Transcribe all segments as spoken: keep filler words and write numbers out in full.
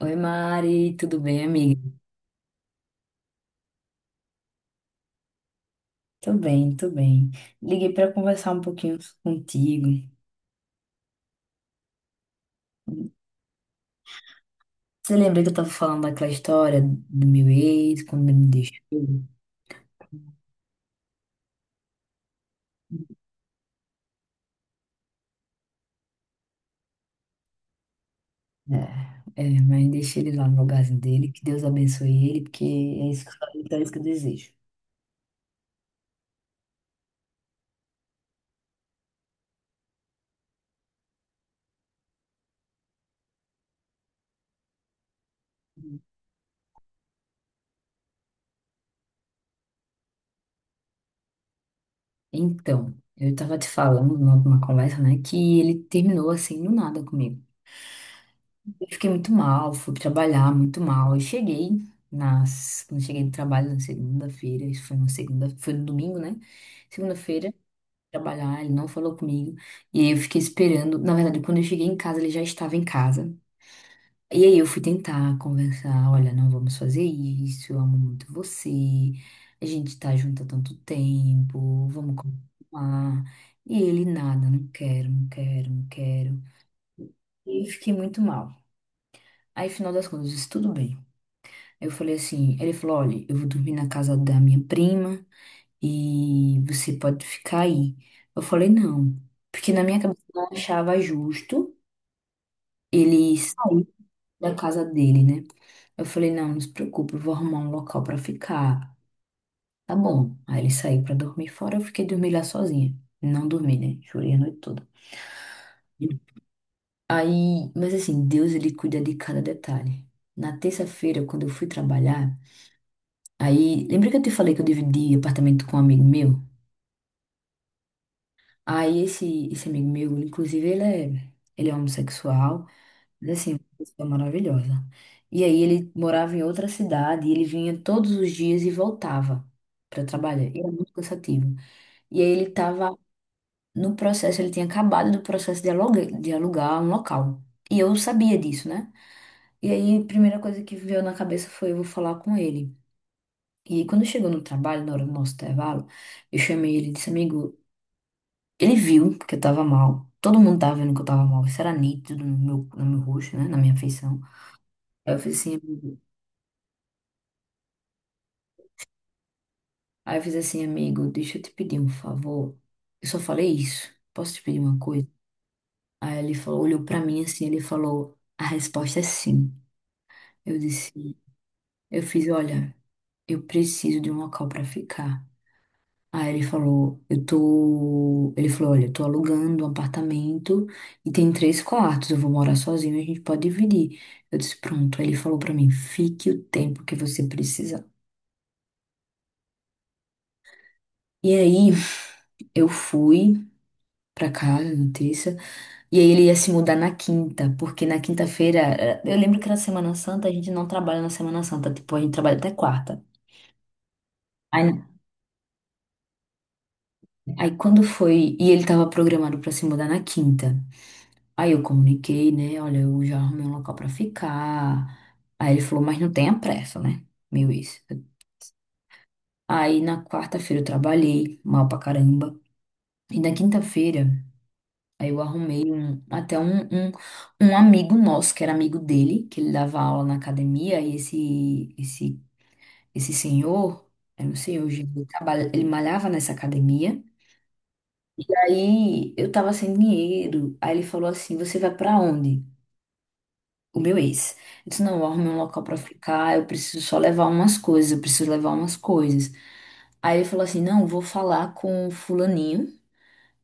Oi, Mari, tudo bem, amiga? Tô bem, tô bem. Liguei pra conversar um pouquinho contigo. Você lembra que eu tava falando daquela história do meu ex, quando ele me deixou? É, é, mas deixei ele lá no lugarzinho dele, que Deus abençoe ele, porque é isso que eu, é isso que eu desejo. Então, eu tava te falando numa numa conversa, né, que ele terminou assim do nada comigo. Eu fiquei muito mal, fui trabalhar muito mal. Eu cheguei nas, quando cheguei do trabalho na segunda-feira, isso foi na segunda, foi no domingo, né? Segunda-feira, trabalhar, ele não falou comigo. E aí eu fiquei esperando. Na verdade, quando eu cheguei em casa, ele já estava em casa. E aí eu fui tentar conversar, olha, não vamos fazer isso, eu amo muito você, a gente tá junto há tanto tempo, vamos continuar. E ele, nada, não quero, não quero, não quero. E eu fiquei muito mal. Aí, final das contas, eu disse, tudo bem. Eu falei assim, ele falou, olha, eu vou dormir na casa da minha prima e você pode ficar aí. Eu falei, não, porque na minha cabeça eu não achava justo ele sair da casa dele, né? Eu falei, não, não se preocupe, eu vou arrumar um local pra ficar. Tá bom. Aí ele saiu pra dormir fora, eu fiquei dormir lá sozinha. Não dormi, né? Chorei a noite toda. Aí, mas assim, Deus ele cuida de cada detalhe. Na terça-feira, quando eu fui trabalhar, aí, lembra que eu te falei que eu dividi apartamento com um amigo meu? Aí esse, esse amigo meu, inclusive, ele é, ele é homossexual, mas assim, uma pessoa maravilhosa. E aí ele morava em outra cidade, e ele vinha todos os dias e voltava para trabalhar. E era muito cansativo. E aí ele estava no processo, ele tinha acabado do processo de alugar, de alugar um local. E eu sabia disso, né? E aí a primeira coisa que veio na cabeça foi eu vou falar com ele. E aí, quando chegou no trabalho, na hora do nosso intervalo, eu chamei ele e disse, amigo, ele viu que eu tava mal. Todo mundo tava vendo que eu tava mal. Isso era nítido no meu, no meu rosto, né? Na minha feição. Aí eu fiz assim, amigo. Aí eu fiz assim, amigo, deixa eu te pedir um favor. Eu só falei isso. Posso te pedir uma coisa? Aí ele falou, olhou pra mim assim, ele falou, a resposta é sim. Eu disse, eu fiz, olha, eu preciso de um local pra ficar. Aí ele falou, eu tô. Ele falou, olha, eu tô alugando um apartamento e tem três quartos, eu vou morar sozinho, a gente pode dividir. Eu disse, pronto. Aí ele falou pra mim, fique o tempo que você precisar. E aí eu fui pra casa na terça, e aí ele ia se mudar na quinta, porque na quinta-feira, eh, eu lembro que na Semana Santa a gente não trabalha na Semana Santa, tipo, a gente trabalha até quarta. Aí, aí quando foi, e ele tava programado pra se mudar na quinta. Aí eu comuniquei, né? Olha, eu já arrumei um local pra ficar. Aí ele falou, mas não tenha pressa, né? Meu ex. Aí na quarta-feira eu trabalhei mal pra caramba. E na quinta-feira, aí eu arrumei um, até um, um, um amigo nosso, que era amigo dele, que ele dava aula na academia. E esse, esse, esse senhor, era não sei hoje ele, trabalha- ele malhava nessa academia. Aí eu tava sem dinheiro. Aí ele falou assim: você vai pra onde? O meu ex. Eu disse, não, eu arrumei um local pra ficar, eu preciso só levar umas coisas, eu preciso levar umas coisas. Aí ele falou assim, não, vou falar com o fulaninho,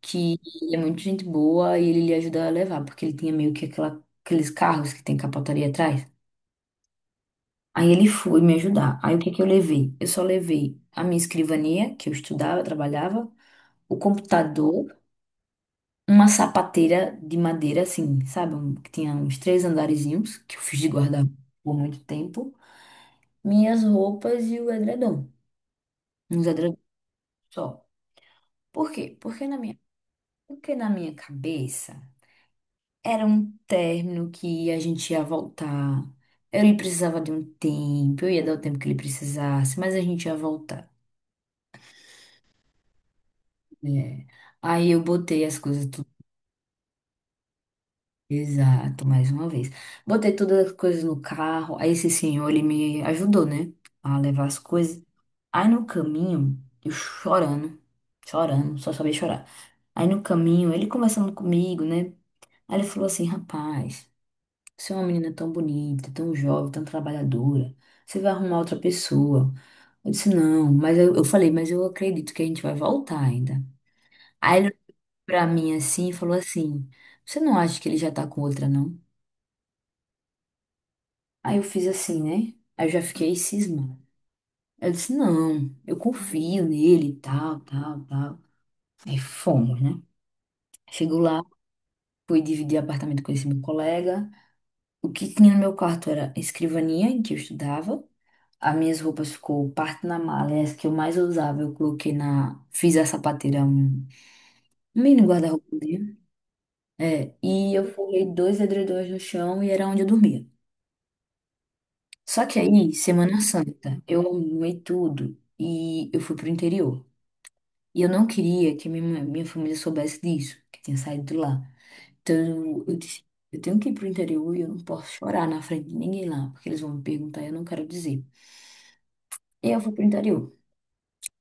que ele é muito gente boa e ele lhe ajuda a levar, porque ele tinha meio que aquela, aqueles carros que tem capotaria atrás. Aí ele foi me ajudar. Aí o que que eu levei? Eu só levei a minha escrivania, que eu estudava, trabalhava, o computador, uma sapateira de madeira, assim, sabe? Um que tinha uns três andarezinhos, que eu fiz de guardar por muito tempo. Minhas roupas e o edredom. Uns edredom só. Por quê? Porque na minha, porque na minha cabeça era um término que a gente ia voltar. Ele precisava de um tempo, eu ia dar o tempo que ele precisasse, mas a gente ia voltar, né? Aí eu botei as coisas tudo. Exato, mais uma vez. Botei todas as coisas no carro. Aí esse senhor, ele me ajudou, né? A levar as coisas. Aí no caminho, eu chorando, chorando, só sabia chorar. Aí no caminho, ele conversando comigo, né? Aí ele falou assim: rapaz, você é uma menina tão bonita, tão jovem, tão trabalhadora. Você vai arrumar outra pessoa. Eu disse: não, mas eu, eu falei, mas eu acredito que a gente vai voltar ainda. Aí ele olhou pra mim assim e falou assim: você não acha que ele já tá com outra, não? Aí eu fiz assim, né? Aí eu já fiquei cismando. Eu disse, não, eu confio nele, tal, tal, tal. Aí fomos, né? Chegou lá, fui dividir apartamento com esse meu colega. O que tinha no meu quarto era a escrivaninha em que eu estudava. As minhas roupas ficou parte na mala, e as que eu mais usava eu coloquei na... Fiz a sapateira, um um mini guarda-roupa dele. É, e eu forrei dois edredons no chão e era onde eu dormia. Só que aí, Semana Santa, eu arrumei tudo e eu fui pro interior. E eu não queria que minha, mãe- minha família soubesse disso, que eu tinha saído de lá. Então eu, eu disse, eu tenho que ir pro interior e eu não posso chorar na frente de ninguém lá, porque eles vão me perguntar e eu não quero dizer. E eu fui pro interior.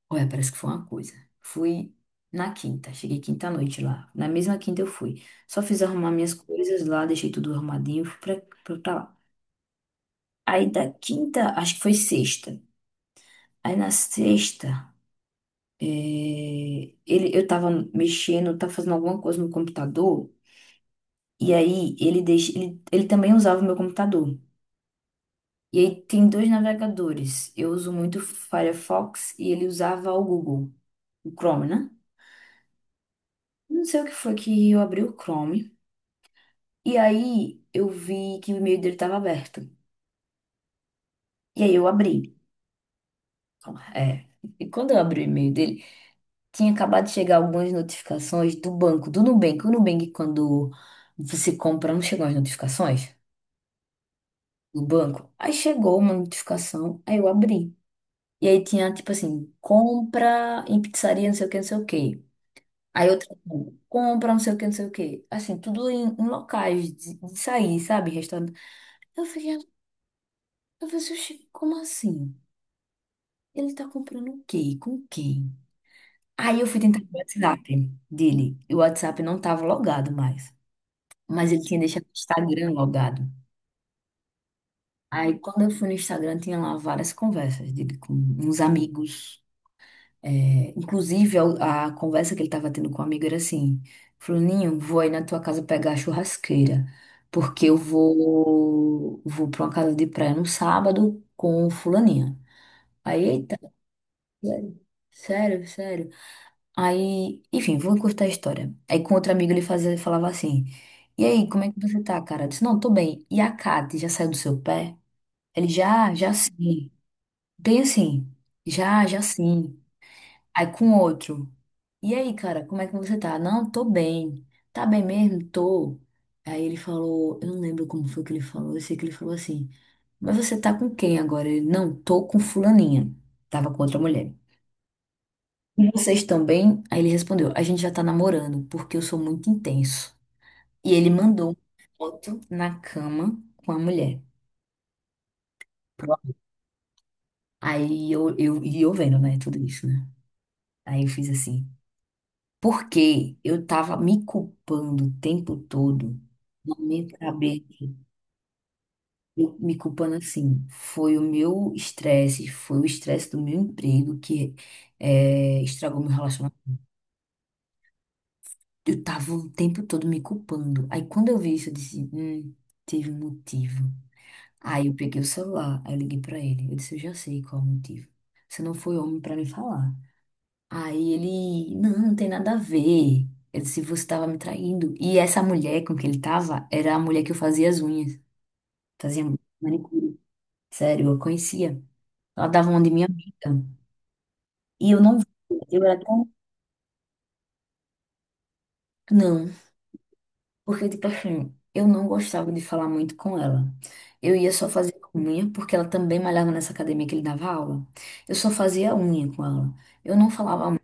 Olha, parece que foi uma coisa. Fui na quinta, cheguei quinta à noite lá. Na mesma quinta eu fui. Só fiz arrumar minhas coisas lá, deixei tudo arrumadinho, fui pra, pra, pra lá. Aí da quinta, acho que foi sexta. Aí na sexta, eh, ele, eu tava mexendo, tava fazendo alguma coisa no computador. E aí ele deixa, ele, ele também usava o meu computador. E aí tem dois navegadores. Eu uso muito o Firefox e ele usava o Google, o Chrome, né? Não sei o que foi que eu abri o Chrome. E aí eu vi que o e-mail dele estava aberto. E aí eu abri. É. E quando eu abri o e-mail dele, tinha acabado de chegar algumas notificações do banco, do Nubank. O Nubank, quando você compra, não chegam as notificações do banco. Aí chegou uma notificação, aí eu abri. E aí tinha, tipo assim, compra em pizzaria, não sei o que, não sei o que. Aí outra, compra, não sei o que, não sei o que. Assim, tudo em, em locais de, de sair, sabe? Restaurante. Eu fiquei, eu falei, assim, "Oxi, como assim? Ele tá comprando o quê? Com quem?" Aí eu fui tentar o WhatsApp dele. E o WhatsApp não tava logado mais. Mas ele tinha deixado o Instagram logado. Aí quando eu fui no Instagram, tinha lá várias conversas dele com uns amigos. É, inclusive, a, a conversa que ele estava tendo com o amigo era assim: Fulaninho, vou aí na tua casa pegar a churrasqueira, porque eu vou, vou para uma casa de praia no sábado com o Fulaninho. Aí, eita, sério, sério, sério. Aí, enfim, vou encurtar a história. Aí, com outro amigo, ele fazia, falava assim: e aí, como é que você tá, cara? Eu disse: não, tô bem. E a Kate já saiu do seu pé? Ele já, já sim. Bem assim, já, já sim. Aí com outro. E aí, cara, como é que você tá? Não, tô bem. Tá bem mesmo? Tô. Aí ele falou, eu não lembro como foi que ele falou, eu sei que ele falou assim, mas você tá com quem agora? Ele, não, tô com fulaninha. Tava com outra mulher. E vocês também? Aí ele respondeu, a gente já tá namorando, porque eu sou muito intenso. E ele mandou uma foto na cama com a mulher. Aí eu, eu, e eu vendo, né, tudo isso, né? Aí eu fiz assim. Porque eu tava me culpando o tempo todo, na minha cabeça, eu me culpando assim, foi o meu estresse, foi o estresse do meu emprego que eh, estragou meu relacionamento. Eu tava o tempo todo me culpando. Aí quando eu vi isso, eu disse, hum, teve um motivo. Aí eu peguei o celular, aí eu liguei pra ele. Eu disse, eu já sei qual é o motivo. Você não foi homem pra me falar. Aí ele, não, não tem nada a ver. Ele disse, você tava me traindo. E essa mulher com que ele tava era a mulher que eu fazia as unhas. Fazia manicure. Sério, eu conhecia. Ela dava uma de minha amiga. E eu não via. Eu era tão... Não. Porque, tipo assim, eu não gostava de falar muito com ela. Eu ia só fazer unha, porque ela também malhava nessa academia que ele dava aula. Eu só fazia unha com ela. Eu não falava.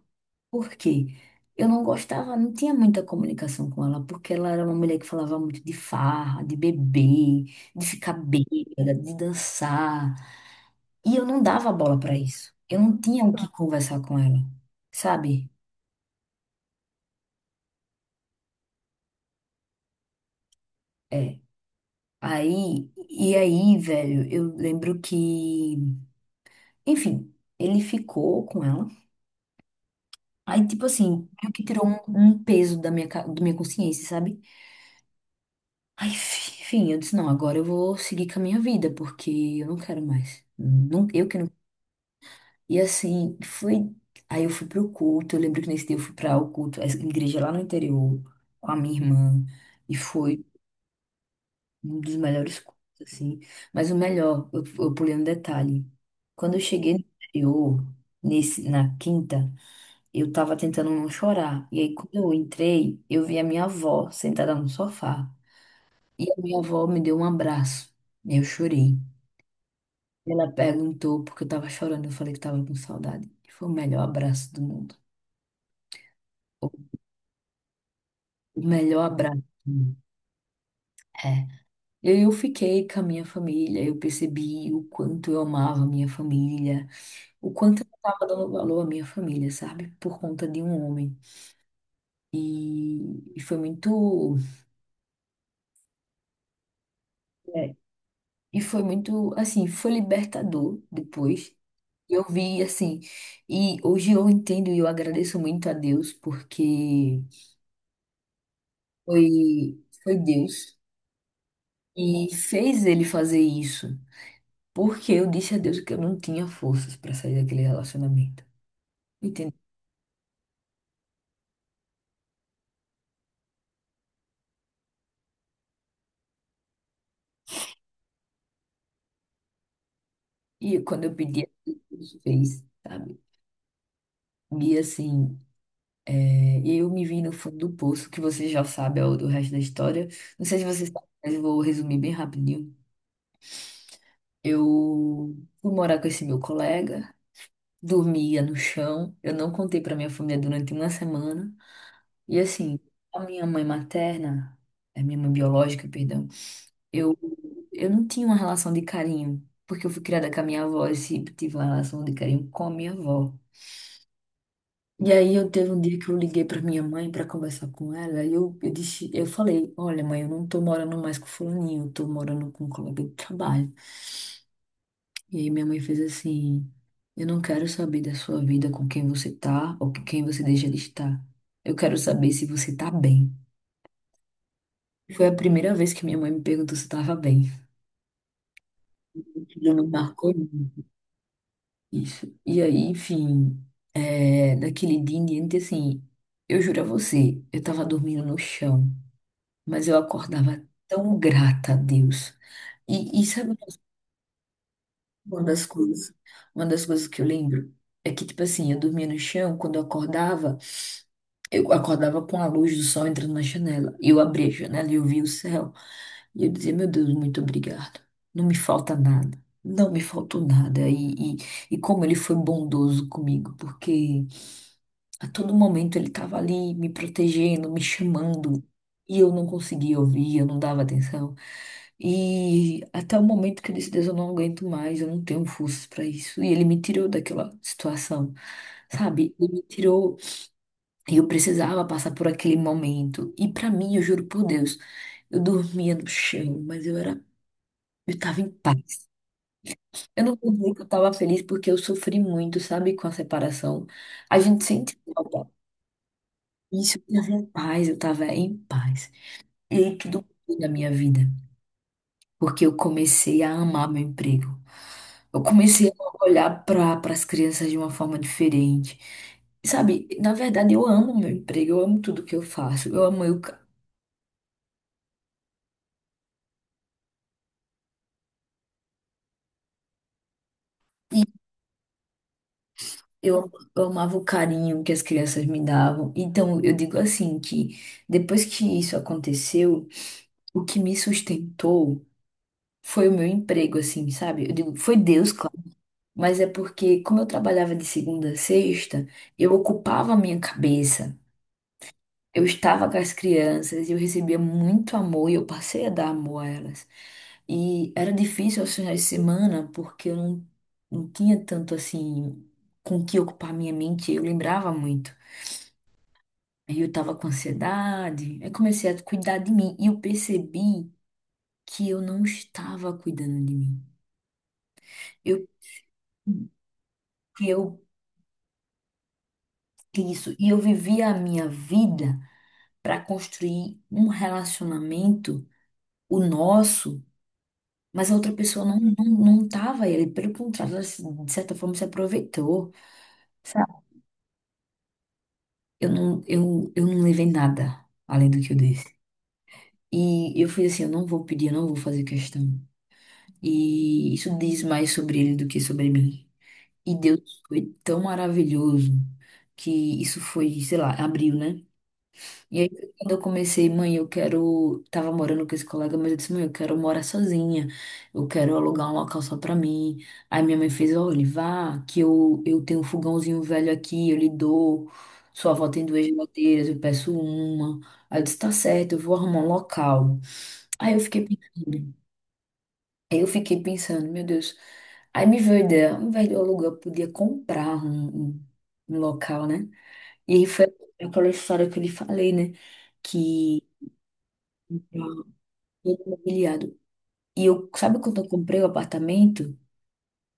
Por quê? Eu não gostava, não tinha muita comunicação com ela, porque ela era uma mulher que falava muito de farra, de beber, de ficar bêbada, de dançar. E eu não dava bola para isso. Eu não tinha o que conversar com ela, sabe? É. Aí, e aí, velho, eu lembro que, enfim, ele ficou com ela. Aí, tipo assim, meio que tirou um, um peso da minha, ca- da minha consciência, sabe? Aí, fi- enfim, eu disse, não, agora eu vou seguir com a minha vida, porque eu não quero mais. Não, eu que não. E assim, foi. Aí eu fui pro culto, eu lembro que nesse dia eu fui para o culto, a igreja lá no interior, com a minha irmã, e foi um dos melhores cultos, assim. Mas o melhor, eu, eu pulei um detalhe. Quando eu cheguei no interior, nesse, na quinta, eu tava tentando não chorar. E aí, quando eu entrei, eu vi a minha avó sentada no sofá. E a minha avó me deu um abraço. Eu chorei. Ela perguntou porque eu tava chorando. Eu falei que tava com saudade. Foi o melhor abraço do mundo. O melhor abraço. Do mundo. É. eu Eu fiquei com a minha família. Eu percebi o quanto eu amava a minha família. O quanto eu tava dando valor à minha família, sabe? Por conta de um homem. E, e foi muito. é, E foi muito, assim, foi libertador depois. Eu vi assim, e hoje eu entendo e eu agradeço muito a Deus porque foi, foi Deus e fez ele fazer isso, porque eu disse a Deus que eu não tinha forças para sair daquele relacionamento, entende? E quando eu pedi, Deus fez, sabe? E assim, é, eu me vi no fundo do poço, que você já sabe é o do resto da história. Não sei se você sabe, mas eu vou resumir bem rapidinho. Eu fui morar com esse meu colega. Dormia no chão. Eu não contei para minha família durante uma semana. E assim, a minha mãe materna, a minha mãe biológica, perdão, eu, eu não tinha uma relação de carinho, porque eu fui criada com a minha avó e sempre tive uma relação de carinho com a minha avó. E aí eu teve um dia que eu liguei para minha mãe para conversar com ela e eu, eu disse, eu falei, olha mãe, eu não tô morando mais com fulaninho, eu tô morando com um colega de trabalho. E aí minha mãe fez assim: eu não quero saber da sua vida com quem você tá ou com quem você deixa de estar. Eu quero saber se você tá bem. Foi a primeira vez que minha mãe me perguntou se eu tava bem. Aquilo me marcou muito. Isso. E aí, enfim, é, daquele dia em diante, assim, eu juro a você, eu tava dormindo no chão, mas eu acordava tão grata a Deus. E, e sabe. Uma das coisas, uma das coisas que eu lembro é que, tipo assim, eu dormia no chão, quando eu acordava, eu acordava com a luz do sol entrando na janela. E eu abria a janela e eu via o céu. E eu dizia, meu Deus, muito obrigado. Não me falta nada. Não me faltou nada. E, e, e como ele foi bondoso comigo, porque a todo momento ele estava ali me protegendo, me chamando, e eu não conseguia ouvir, eu não dava atenção. E até o momento que eu disse, Deus, eu não aguento mais, eu não tenho forças para isso. E ele me tirou daquela situação, sabe? Ele me tirou, e eu precisava passar por aquele momento. E para mim, eu juro por Deus, eu dormia no chão, mas eu era, eu estava em paz. Eu não vou dizer que eu estava feliz porque eu sofri muito, sabe, com a separação. A gente sente falta. Isso, eu tava em paz, eu tava em paz. Líquido da minha vida. Porque eu comecei a amar meu emprego. Eu comecei a olhar para as crianças de uma forma diferente. Sabe, na verdade eu amo meu emprego, eu amo tudo que eu faço. Eu amo eu, e eu, eu amava o carinho que as crianças me davam. Então eu digo assim que depois que isso aconteceu, o que me sustentou foi o meu emprego, assim, sabe? Eu digo, foi Deus, claro. Mas é porque, como eu trabalhava de segunda a sexta, eu ocupava a minha cabeça. Eu estava com as crianças, eu recebia muito amor e eu passei a dar amor a elas. E era difícil aos finais de semana porque eu não, não tinha tanto assim com o que ocupar minha mente, eu lembrava muito. Aí eu tava com ansiedade, aí comecei a cuidar de mim e eu percebi que eu não estava cuidando de mim. Eu, que eu, que isso, e eu vivia a minha vida. Para construir um relacionamento, o nosso, mas a outra pessoa não não, não tava ele, pelo contrário, ela, se- de certa forma se aproveitou, sabe? Eu não eu, eu não levei nada além do que eu disse. E eu fui assim, eu não vou pedir, eu não vou fazer questão. E isso diz mais sobre ele do que sobre mim. E Deus foi tão maravilhoso que isso foi, sei lá, abriu, né? E aí, quando eu comecei, mãe, eu quero. Tava morando com esse colega, mas eu disse, mãe, eu quero morar sozinha. Eu quero alugar um local só pra mim. Aí minha mãe fez, olha, vá, que eu, eu tenho um fogãozinho velho aqui, eu lhe dou. Sua avó tem duas geladeiras, eu peço uma. Aí eu disse, tá certo, eu vou arrumar um local. Aí eu fiquei pensando, aí eu fiquei pensando, meu Deus. Aí me veio a ideia, ao invés de eu alugar, eu podia comprar um, um, um local, né? E aí foi aquela história que eu lhe falei, né? Que todo mobiliado. E eu, sabe quando eu comprei o apartamento?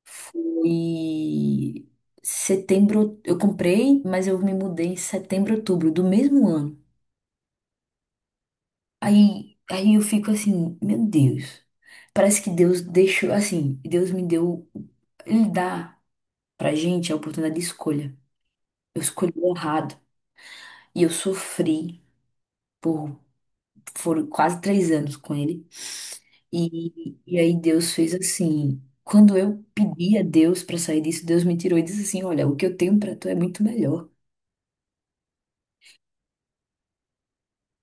Foi setembro, eu comprei, mas eu me mudei em setembro, outubro do mesmo ano. Aí, aí eu fico assim, meu Deus. Parece que Deus deixou assim, Deus me deu, ele dá pra gente a oportunidade de escolha. Eu escolhi errado e eu sofri por foram quase três anos com ele. E, e aí Deus fez assim. Quando eu pedi a Deus para sair disso, Deus me tirou e disse assim: olha, o que eu tenho para tu é muito melhor.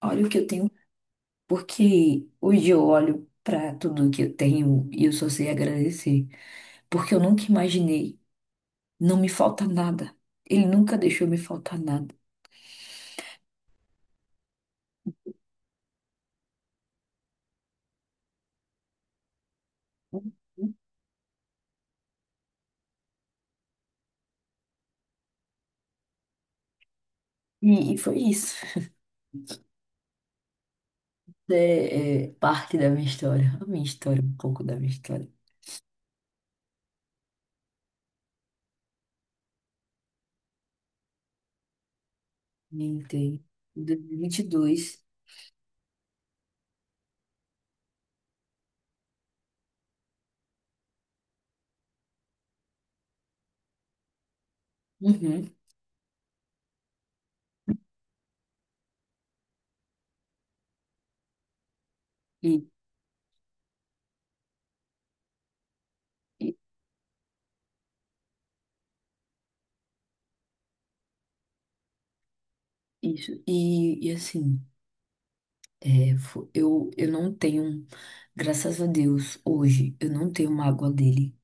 Olha o que eu tenho. Porque hoje eu olho para tudo que eu tenho e eu só sei agradecer. Porque eu nunca imaginei. Não me falta nada. Ele nunca deixou me faltar nada. E, e foi isso. É, é parte da minha história. A minha história, um pouco da minha história. Me entrei em dois mil e vinte e dois. Uhum. E, e isso. E, e assim, é, fo- eu, eu não tenho, graças a Deus, hoje, eu não tenho mágoa dele.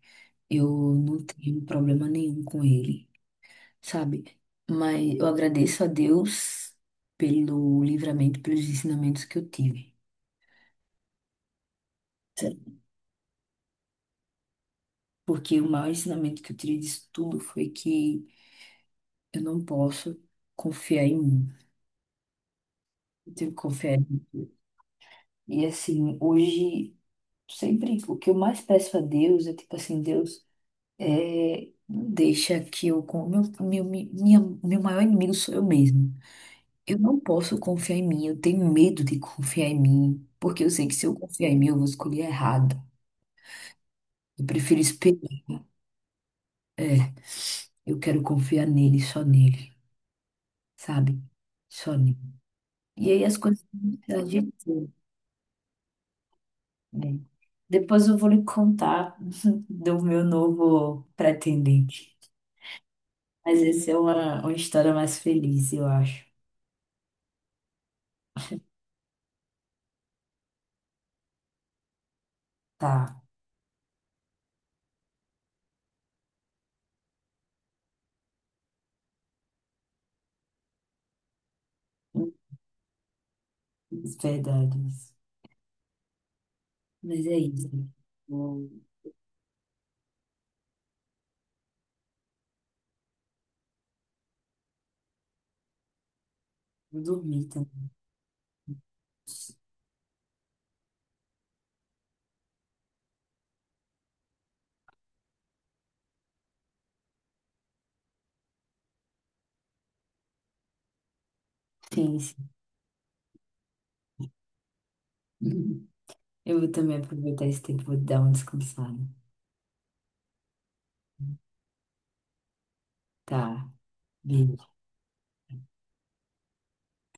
Eu não tenho problema nenhum com ele, sabe? Mas eu agradeço a Deus pelo livramento, pelos ensinamentos que eu tive. Sério. Porque o maior ensinamento que eu tirei disso tudo foi que eu não posso confiar em mim. Eu tenho que confiar em mim. E assim, hoje, sempre o que eu mais peço a Deus é tipo assim, Deus. É, deixa que eu. con- Meu, meu, mi- minha, meu maior inimigo sou eu mesma. Eu não posso confiar em mim, eu tenho medo de confiar em mim, porque eu sei que se eu confiar em mim, eu vou escolher errado. Eu prefiro esperar. É, eu quero confiar nele, só nele, sabe? Só nele. E aí as coisas se ajeitam, né? Depois eu vou lhe contar do meu novo pretendente. Mas essa é uma, uma história mais feliz, eu acho. Tá. Verdade. Mas é isso. Vou, vou dormir também. Sim, sim. Eu vou também aproveitar esse tempo, vou dar uma descansada. Tá. Beijo.